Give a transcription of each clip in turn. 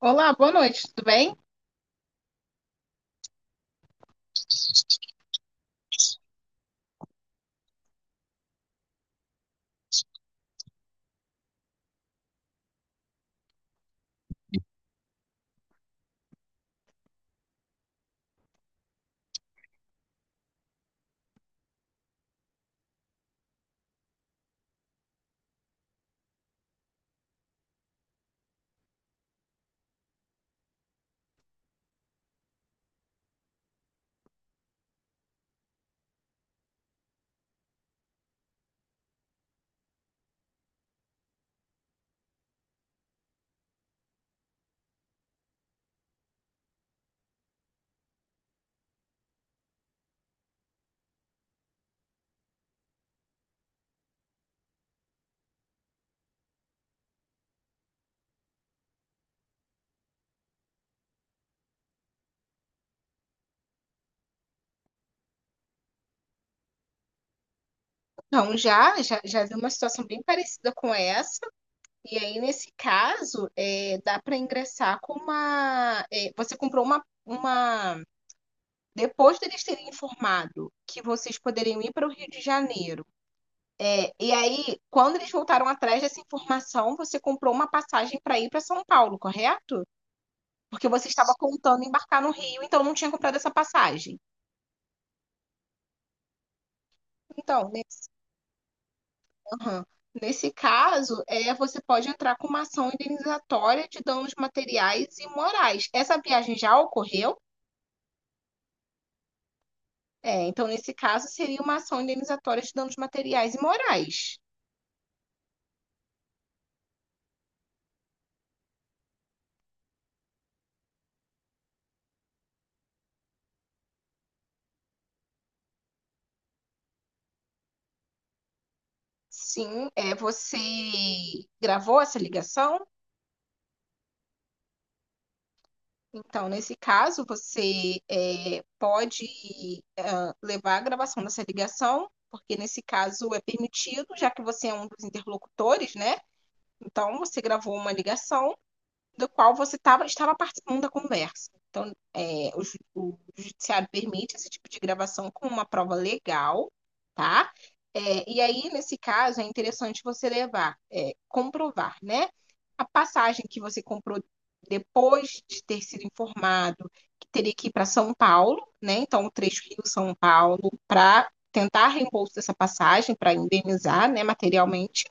Olá, boa noite, tudo bem? Não, já vi uma situação bem parecida com essa. E aí, nesse caso, dá para ingressar com uma. Você comprou uma. Depois deles terem informado que vocês poderiam ir para o Rio de Janeiro. E aí, quando eles voltaram atrás dessa informação, você comprou uma passagem para ir para São Paulo, correto? Porque você estava contando embarcar no Rio, então não tinha comprado essa passagem. Então, aham. Nesse caso, você pode entrar com uma ação indenizatória de danos materiais e morais. Essa viagem já ocorreu? Então, nesse caso, seria uma ação indenizatória de danos materiais e morais. Sim, você gravou essa ligação? Então, nesse caso, você pode levar a gravação dessa ligação, porque nesse caso é permitido, já que você é um dos interlocutores, né? Então, você gravou uma ligação do qual você estava participando da conversa. Então, o judiciário permite esse tipo de gravação como uma prova legal, tá? E aí, nesse caso, é interessante você levar, comprovar, né? A passagem que você comprou depois de ter sido informado que teria que ir para São Paulo, né? Então, o trecho Rio-São Paulo, para tentar reembolso dessa passagem, para indenizar, né, materialmente.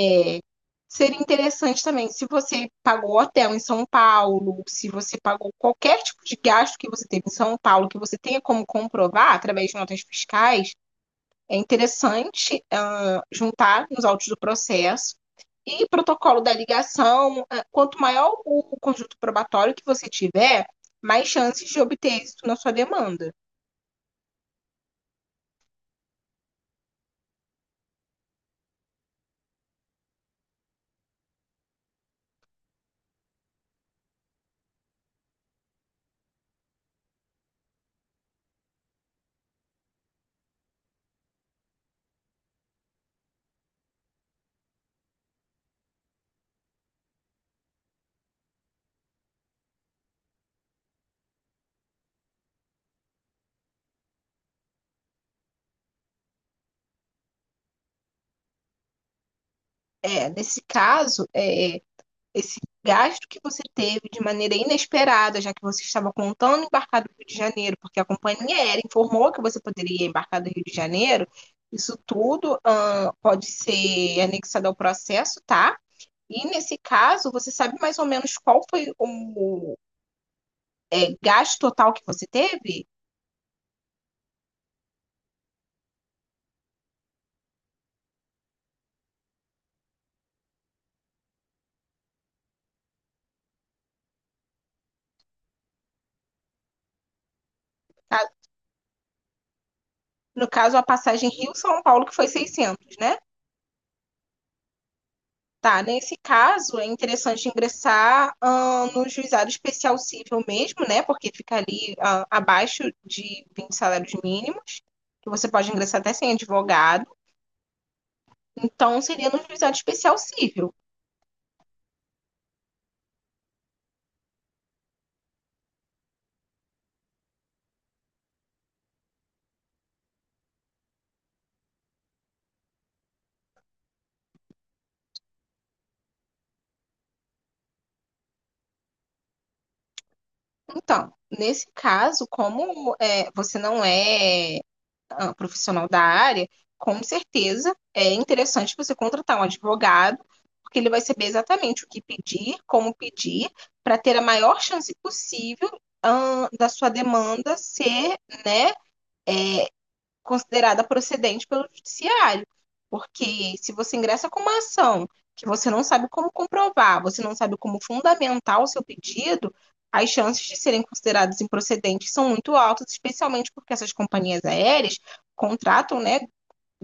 É, Seria interessante também, se você pagou hotel em São Paulo, se você pagou qualquer tipo de gasto que você teve em São Paulo, que você tenha como comprovar através de notas fiscais, é interessante juntar nos autos do processo. E protocolo da ligação, quanto maior o conjunto probatório que você tiver, mais chances de obter êxito na sua demanda. Nesse caso, esse gasto que você teve de maneira inesperada, já que você estava contando embarcar do Rio de Janeiro, porque a companhia aérea informou que você poderia embarcar do Rio de Janeiro, isso tudo pode ser anexado ao processo, tá? E nesse caso, você sabe mais ou menos qual foi o gasto total que você teve? Ah, no caso, a passagem Rio-São Paulo, que foi 600, né? Tá, nesse caso é interessante ingressar no juizado especial civil mesmo, né? Porque fica ali abaixo de 20 salários mínimos, que você pode ingressar até sem advogado. Então, seria no juizado especial civil. Então, nesse caso, como você não é profissional da área, com certeza é interessante você contratar um advogado, porque ele vai saber exatamente o que pedir, como pedir, para ter a maior chance possível da sua demanda ser, né, considerada procedente pelo judiciário. Porque se você ingressa com uma ação que você não sabe como comprovar, você não sabe como fundamentar o seu pedido, as chances de serem consideradas improcedentes são muito altas, especialmente porque essas companhias aéreas contratam, né,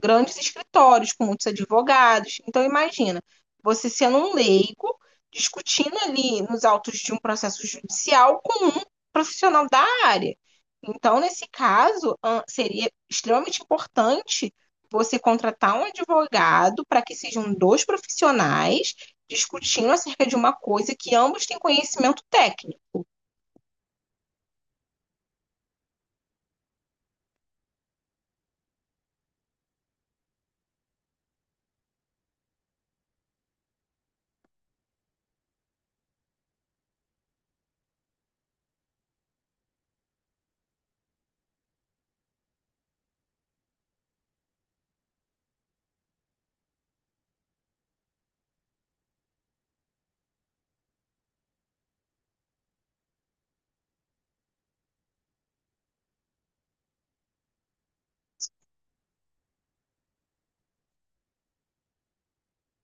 grandes escritórios, com muitos advogados. Então, imagina, você sendo um leigo, discutindo ali nos autos de um processo judicial com um profissional da área. Então, nesse caso, seria extremamente importante você contratar um advogado para que sejam dois profissionais discutindo acerca de uma coisa que ambos têm conhecimento técnico.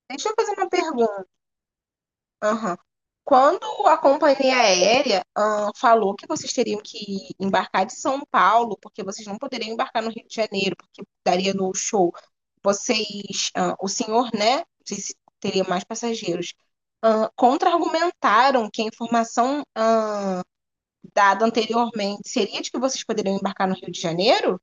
Deixa eu fazer uma pergunta. Aham. Quando a companhia aérea, falou que vocês teriam que embarcar de São Paulo, porque vocês não poderiam embarcar no Rio de Janeiro, porque daria no show, vocês, o senhor, né, não sei se teria mais passageiros, contra-argumentaram que a informação, dada anteriormente seria de que vocês poderiam embarcar no Rio de Janeiro,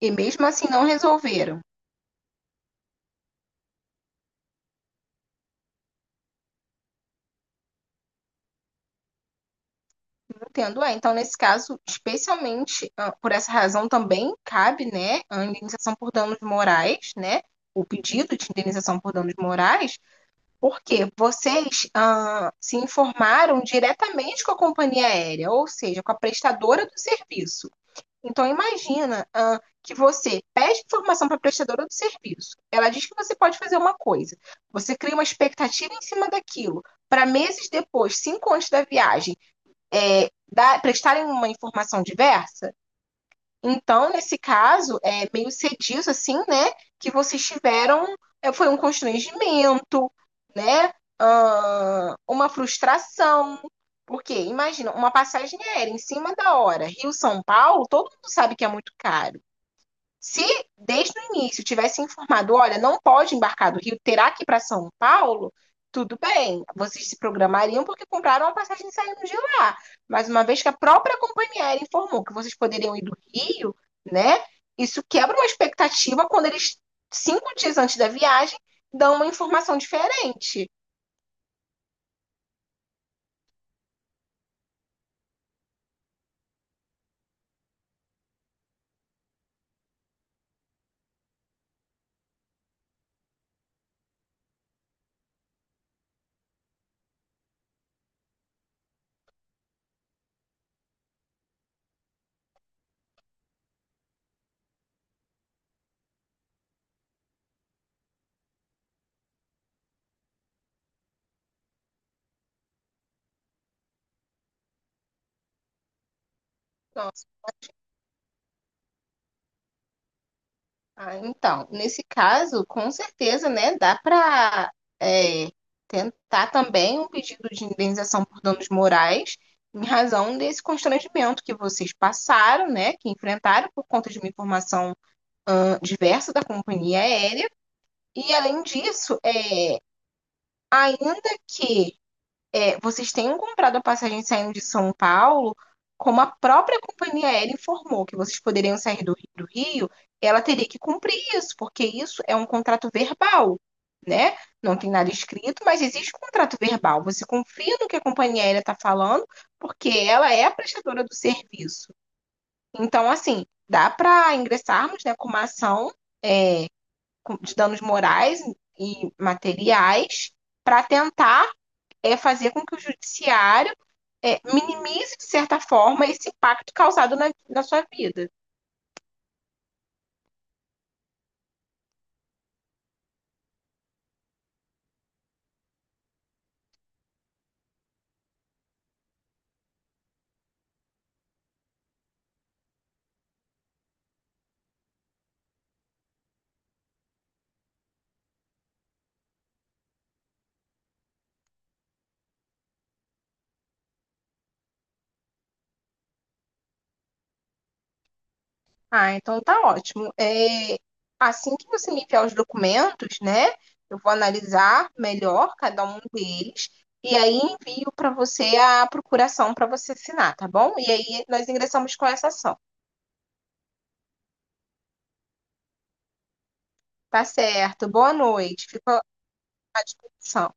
e mesmo assim não resolveram. Entendo, é. Então, nesse caso, especialmente por essa razão também cabe, né, a indenização por danos morais, né, o pedido de indenização por danos morais, porque vocês se informaram diretamente com a companhia aérea, ou seja, com a prestadora do serviço. Então, imagina que você pede informação para a prestadora do serviço. Ela diz que você pode fazer uma coisa. Você cria uma expectativa em cima daquilo. Para meses depois, 5 anos da viagem, prestarem uma informação diversa. Então, nesse caso, é meio cedido, assim, né? Que vocês tiveram, foi um constrangimento, né? Uma frustração. Porque, imagina, uma passagem aérea em cima da hora, Rio-São Paulo, todo mundo sabe que é muito caro. Se desde o início tivesse informado, olha, não pode embarcar do Rio, terá que ir para São Paulo, tudo bem, vocês se programariam porque compraram a passagem saindo de lá. Mas uma vez que a própria companhia aérea informou que vocês poderiam ir do Rio, né? Isso quebra uma expectativa quando eles, 5 dias antes da viagem, dão uma informação diferente. Então, então, nesse caso, com certeza, né, dá para tentar também um pedido de indenização por danos morais em razão desse constrangimento que vocês passaram, né, que enfrentaram por conta de uma informação diversa da companhia aérea. E, além disso, ainda que vocês tenham comprado a passagem saindo de São Paulo, como a própria companhia aérea informou que vocês poderiam sair do, do Rio, ela teria que cumprir isso, porque isso é um contrato verbal, né? Não tem nada escrito, mas existe um contrato verbal. Você confia no que a companhia aérea está falando, porque ela é a prestadora do serviço. Então, assim, dá para ingressarmos, né, com uma ação de danos morais e materiais para tentar fazer com que o judiciário minimize, de certa forma, esse impacto causado na, na sua vida. Ah, então tá ótimo. Assim que você me enviar os documentos, né? Eu vou analisar melhor cada um deles e aí envio para você a procuração para você assinar, tá bom? E aí nós ingressamos com essa ação. Tá certo. Boa noite. Fico à disposição.